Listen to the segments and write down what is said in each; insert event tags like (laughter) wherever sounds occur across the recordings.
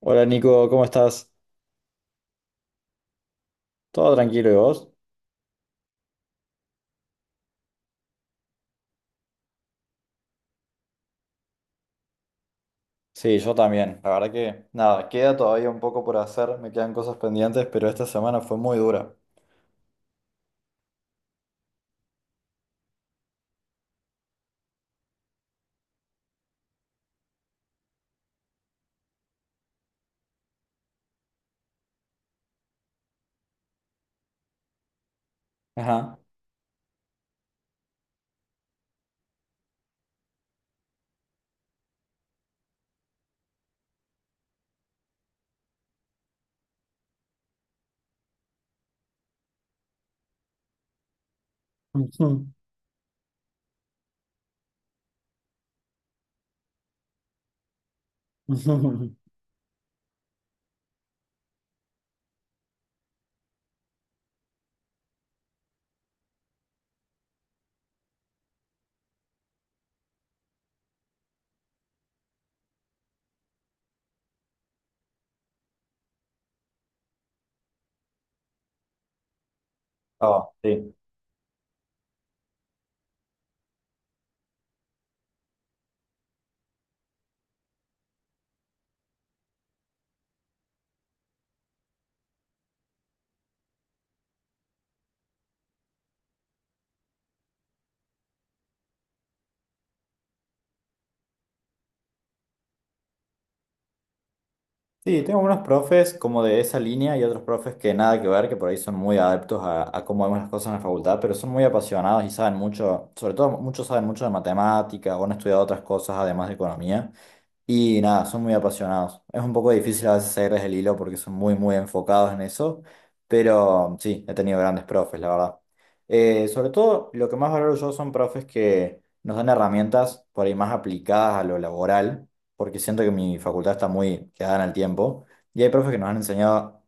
Hola Nico, ¿cómo estás? ¿Todo tranquilo y vos? Sí, yo también. La verdad que nada, queda todavía un poco por hacer, me quedan cosas pendientes, pero esta semana fue muy dura. Ajá. (laughs) Ujú, ujú. Ah, sí. Sí, tengo unos profes como de esa línea y otros profes que nada que ver, que por ahí son muy adeptos a cómo vemos las cosas en la facultad, pero son muy apasionados y saben mucho, sobre todo muchos saben mucho de matemáticas o han estudiado otras cosas además de economía. Y nada, son muy apasionados. Es un poco difícil a veces seguirles el hilo porque son muy, muy enfocados en eso, pero sí, he tenido grandes profes, la verdad. Sobre todo, lo que más valoro yo son profes que nos dan herramientas por ahí más aplicadas a lo laboral, porque siento que mi facultad está muy quedada en el tiempo, y hay profes que nos han enseñado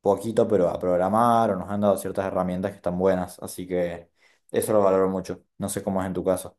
poquito, pero a programar o nos han dado ciertas herramientas que están buenas, así que eso lo valoro mucho. No sé cómo es en tu caso.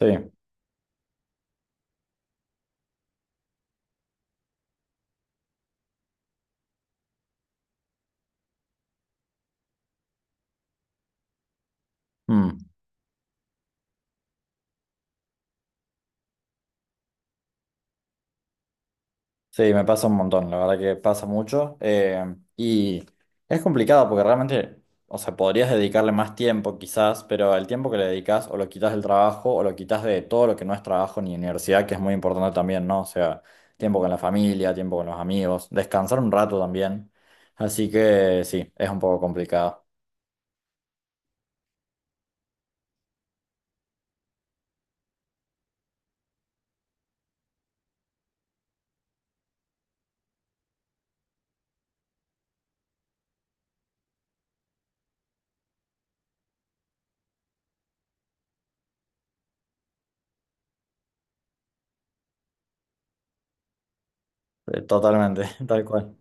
Sí. Mm. Sí, me pasa un montón, la verdad que pasa mucho. Y es complicado porque realmente, o sea, podrías dedicarle más tiempo quizás, pero el tiempo que le dedicas o lo quitas del trabajo o lo quitas de todo lo que no es trabajo ni universidad, que es muy importante también, ¿no? O sea, tiempo con la familia, tiempo con los amigos, descansar un rato también. Así que sí, es un poco complicado. Totalmente, (laughs) tal cual.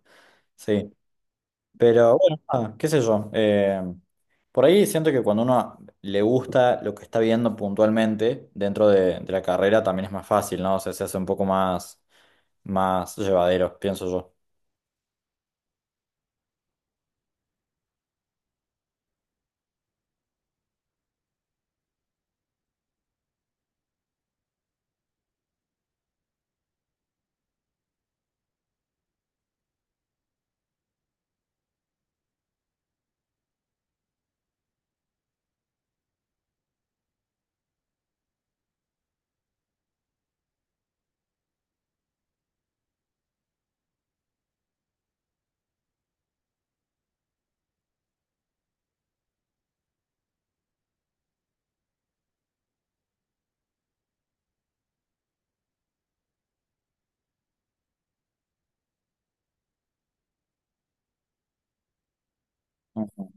Sí. Pero bueno, nada, qué sé yo. Por ahí siento que cuando uno le gusta lo que está viendo puntualmente dentro de la carrera también es más fácil, ¿no? O sea, se hace un poco más, más llevadero, pienso yo. Ujú.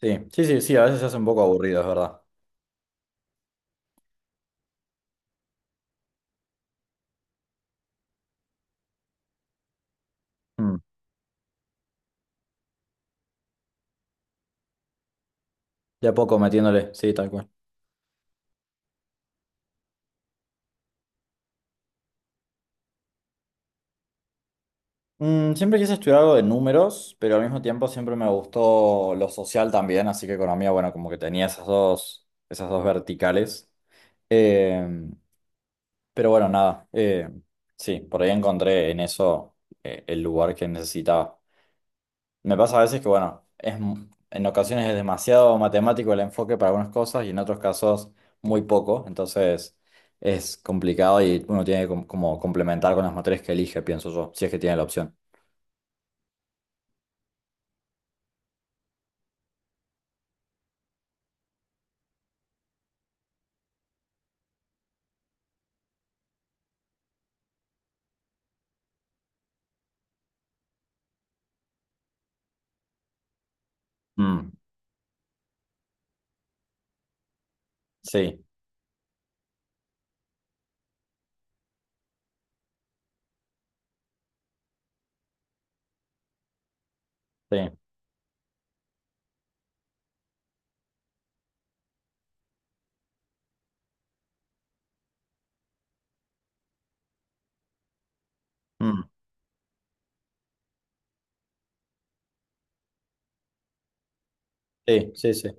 Sí, sí, sí, sí, a veces se hace un poco aburrido, es verdad. Mm. De a poco metiéndole, sí, tal cual. Mm, siempre quise estudiar algo de números, pero al mismo tiempo siempre me gustó lo social también, así que economía, bueno, como que tenía esas dos verticales. Eh, Pero bueno, nada, sí, por ahí encontré en eso el lugar que necesitaba. Me pasa a veces que, bueno, es, en ocasiones es demasiado matemático el enfoque para algunas cosas y en otros casos muy poco, entonces es complicado y uno tiene que como complementar con las materias que elige, pienso yo, si es que tiene la opción. Mm, sí, sí, mm, sí, sí, sí.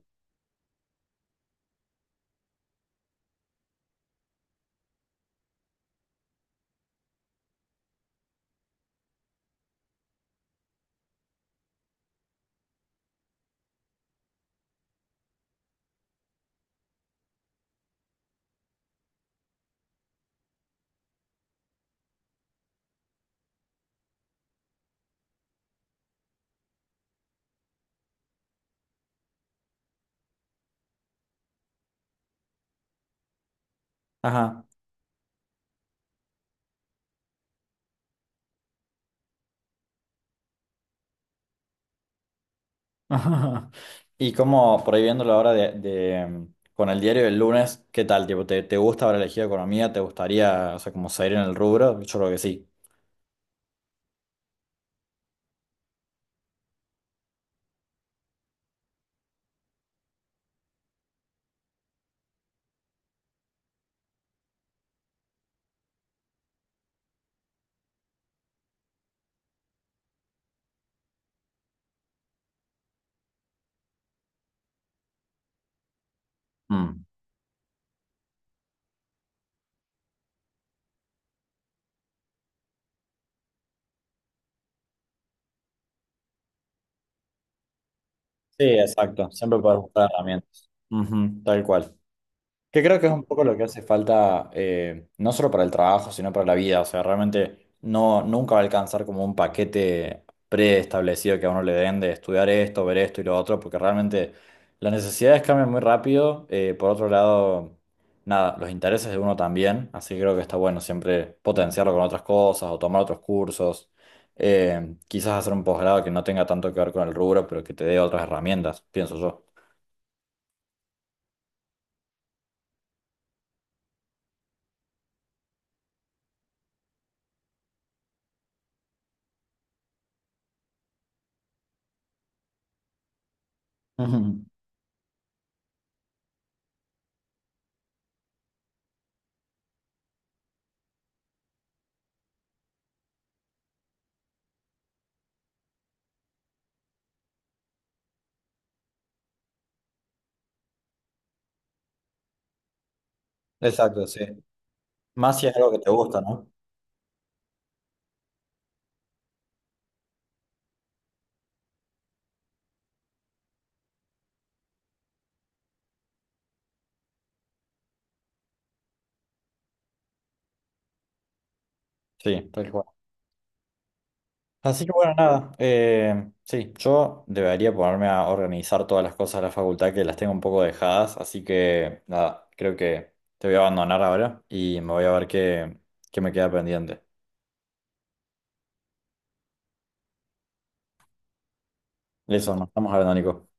Ajá. (laughs) Ajá. Y como por ahí viéndolo ahora mm, con el diario del lunes, ¿qué tal? Tipo, ¿te, te gusta haber elegido economía? ¿Te gustaría, o sea, como seguir en el rubro? Yo creo que sí. Mm. Sí, exacto. Siempre puedes buscar herramientas. Ujú, tal cual. Que creo que es un poco lo que hace falta, no solo para el trabajo, sino para la vida. O sea, realmente no, nunca va a alcanzar como un paquete preestablecido que a uno le den de estudiar esto, ver esto y lo otro, porque realmente las necesidades cambian muy rápido. Por otro lado, nada, los intereses de uno también. Así que creo que está bueno siempre potenciarlo con otras cosas o tomar otros cursos. Quizás hacer un posgrado que no tenga tanto que ver con el rubro, pero que te dé otras herramientas, pienso yo. (laughs) Ujú. Exacto, sí. Más si es algo que te gusta, ¿no? Sí, tal cual. Así que bueno, nada. Sí, yo debería ponerme a organizar todas las cosas de la facultad que las tengo un poco dejadas. Así que nada, creo que te voy a abandonar ahora y me voy a ver qué, qué me queda pendiente. Eso, nos estamos hablando, Nico.